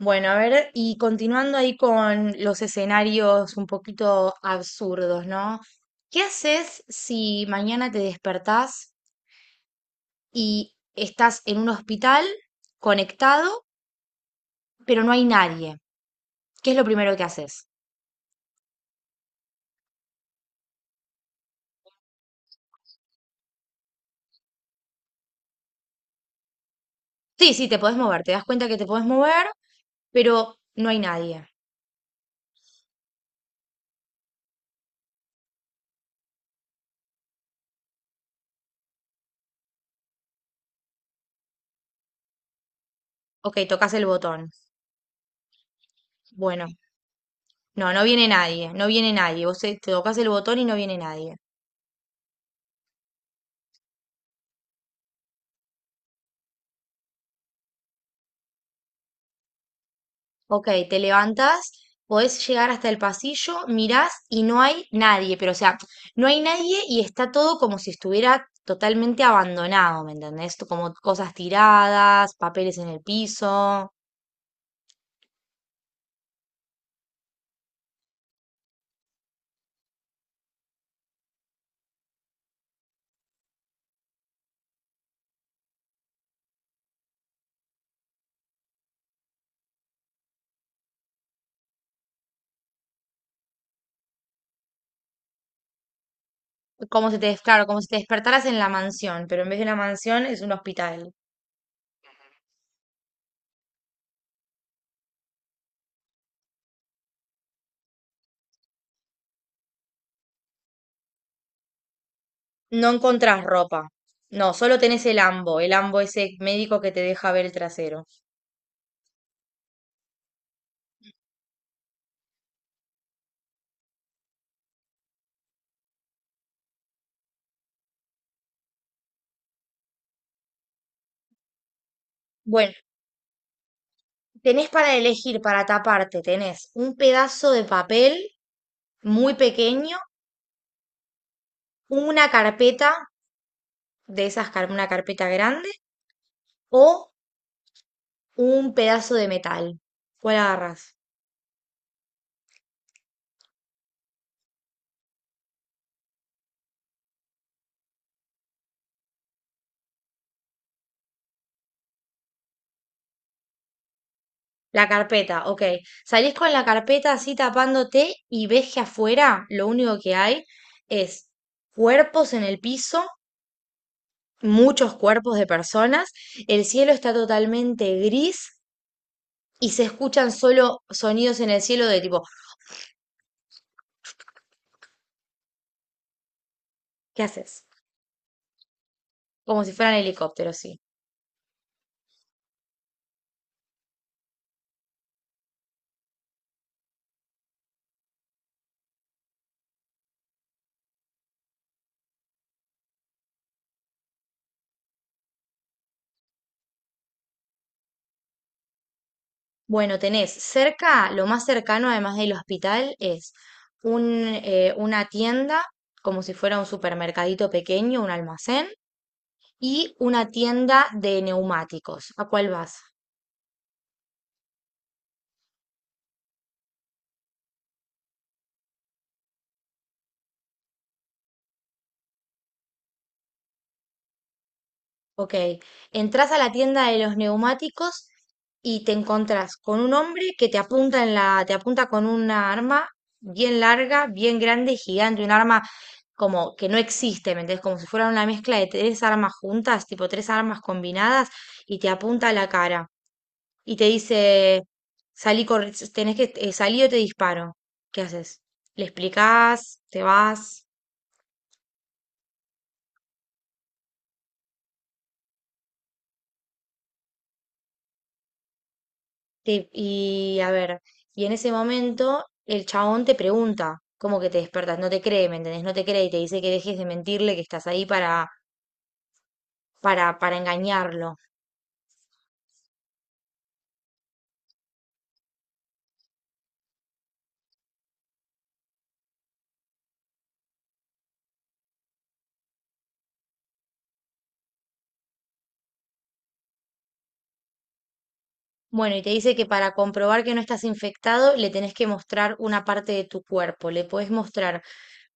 Bueno, a ver, y continuando ahí con los escenarios un poquito absurdos, ¿no? ¿Qué haces si mañana te despertás y estás en un hospital conectado, pero no hay nadie? ¿Qué es lo primero que haces? Sí, sí, te podés mover, te das cuenta que te podés mover, pero no hay nadie. Ok, tocas el botón. Bueno, no, no viene nadie, no viene nadie. Vos te tocas el botón y no viene nadie. Ok, te levantas, podés llegar hasta el pasillo, mirás y no hay nadie, pero o sea, no hay nadie y está todo como si estuviera totalmente abandonado, ¿me entendés? Como cosas tiradas, papeles en el piso, como si te, claro, como si te despertaras en la mansión, pero en vez de una mansión es un hospital. No encontrás ropa. No, solo tenés el ambo ese médico que te deja ver el trasero. Bueno, tenés para elegir, para taparte, tenés un pedazo de papel muy pequeño, una carpeta de esas, una carpeta grande o un pedazo de metal. ¿Cuál agarras? La carpeta, ok. Salís con la carpeta así tapándote y ves que afuera lo único que hay es cuerpos en el piso, muchos cuerpos de personas, el cielo está totalmente gris y se escuchan solo sonidos en el cielo de tipo, ¿qué haces? Como si fueran helicópteros, sí. Bueno, tenés cerca, lo más cercano además del hospital es un, una tienda, como si fuera un supermercadito pequeño, un almacén, y una tienda de neumáticos. ¿A cuál vas? Ok, entras a la tienda de los neumáticos y te encontrás con un hombre que te apunta en la, te apunta con una arma bien larga, bien grande y gigante, un arma como que no existe, ¿me entendés? Como si fuera una mezcla de tres armas juntas, tipo tres armas combinadas, y te apunta a la cara y te dice, salí, tenés que salir o te disparo. ¿Qué haces? ¿Le explicás? ¿Te vas? Y a ver, y en ese momento el chabón te pregunta, ¿cómo que te despertas? No te cree, ¿me entendés? No te cree y te dice que dejes de mentirle, que estás ahí para engañarlo. Bueno, y te dice que para comprobar que no estás infectado, le tenés que mostrar una parte de tu cuerpo. Le podés mostrar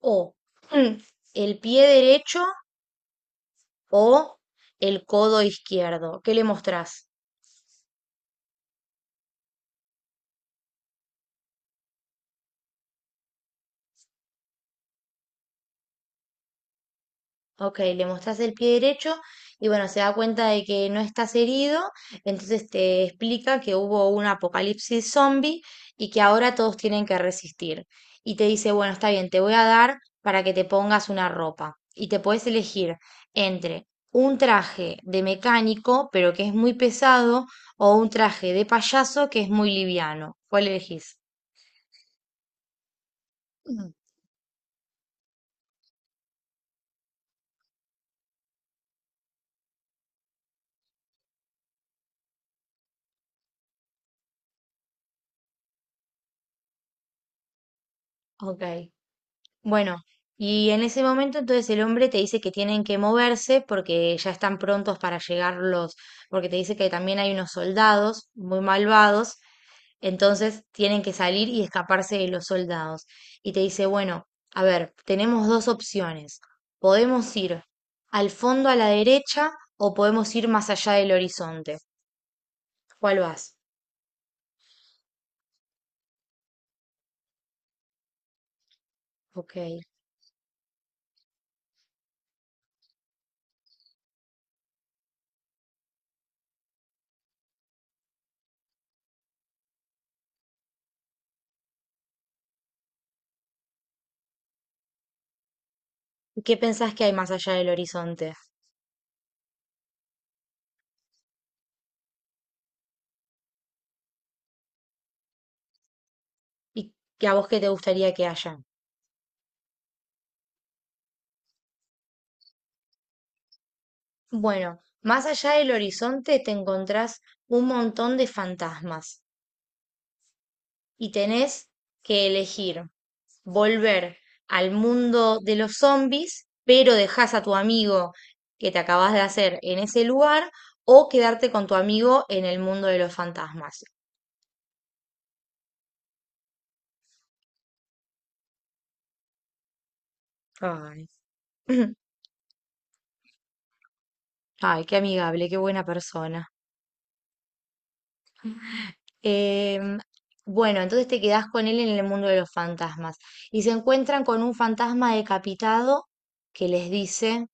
o mm, el pie derecho o el codo izquierdo. ¿Qué le mostrás? Ok, le mostrás el pie derecho y bueno, se da cuenta de que no estás herido, entonces te explica que hubo un apocalipsis zombie y que ahora todos tienen que resistir. Y te dice, bueno, está bien, te voy a dar para que te pongas una ropa. Y te puedes elegir entre un traje de mecánico, pero que es muy pesado, o un traje de payaso que es muy liviano. ¿Cuál elegís? Mm. Ok. Bueno, y en ese momento entonces el hombre te dice que tienen que moverse porque ya están prontos para llegar los, porque te dice que también hay unos soldados muy malvados, entonces tienen que salir y escaparse de los soldados. Y te dice, bueno, a ver, tenemos dos opciones. Podemos ir al fondo a la derecha o podemos ir más allá del horizonte. ¿Cuál vas? Ok. ¿Y qué pensás que hay más allá del horizonte? ¿Y que a vos qué te gustaría que haya? Bueno, más allá del horizonte te encontrás un montón de fantasmas y tenés que elegir volver al mundo de los zombies, pero dejás a tu amigo que te acabas de hacer en ese lugar o quedarte con tu amigo en el mundo de los fantasmas. Ay, ay, qué amigable, qué buena persona. Em, bueno, entonces te quedás con él en el mundo de los fantasmas y se encuentran con un fantasma decapitado que les dice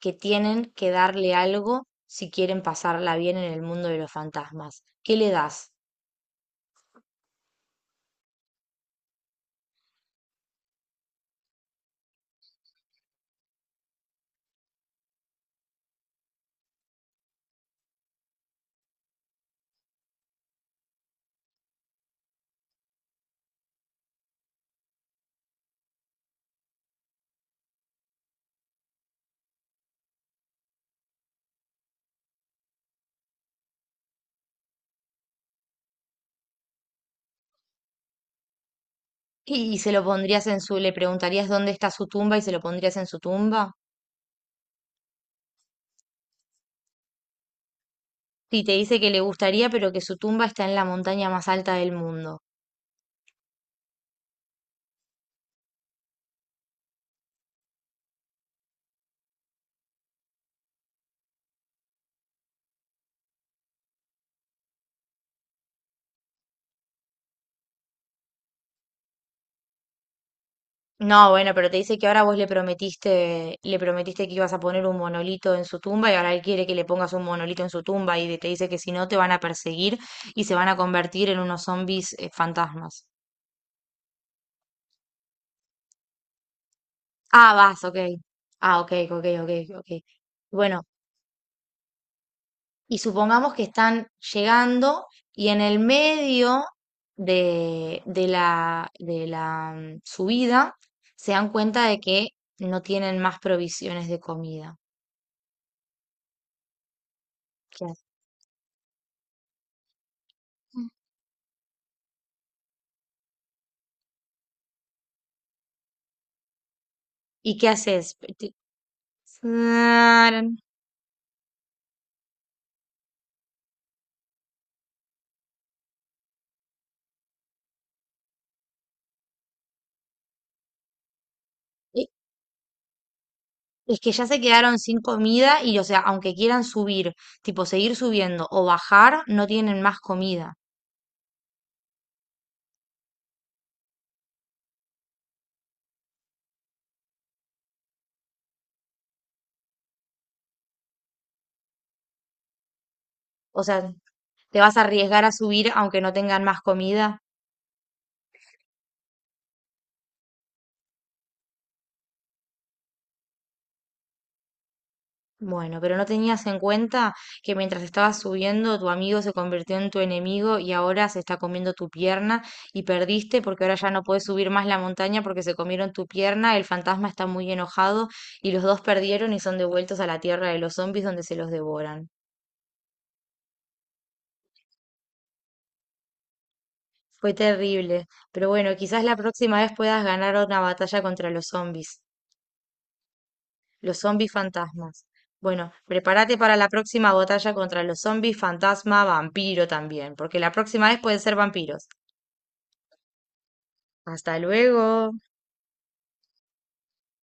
que tienen que darle algo si quieren pasarla bien en el mundo de los fantasmas. ¿Qué le das? Y se lo pondrías en su, le preguntarías dónde está su tumba y se lo pondrías en su tumba. Si te dice que le gustaría, pero que su tumba está en la montaña más alta del mundo. No, bueno, pero te dice que ahora vos le prometiste que ibas a poner un monolito en su tumba y ahora él quiere que le pongas un monolito en su tumba y te dice que si no te van a perseguir y se van a convertir en unos zombies fantasmas. Ah, vas, ok. Ah, ok, ok, ok, ok. Bueno, y supongamos que están llegando y en el medio de la subida se dan cuenta de que no tienen más provisiones de comida. ¿Qué hacen? ¿Y qué haces? Tarán. Y- Es que ya se quedaron sin comida y, o sea, aunque quieran subir, tipo seguir subiendo o bajar, no tienen más comida. O sea, te vas a arriesgar a subir aunque no tengan más comida. Bueno, pero no tenías en cuenta que mientras estabas subiendo, tu amigo se convirtió en tu enemigo y ahora se está comiendo tu pierna y perdiste porque ahora ya no puedes subir más la montaña porque se comieron tu pierna, el fantasma está muy enojado y los dos perdieron y son devueltos a la tierra de los zombies donde se los devoran. Fue terrible, pero bueno, quizás la próxima vez puedas ganar una batalla contra los zombies. Los zombies fantasmas. Bueno, prepárate para la próxima batalla contra los zombies fantasma vampiro también, porque la próxima vez pueden ser vampiros. Hasta luego.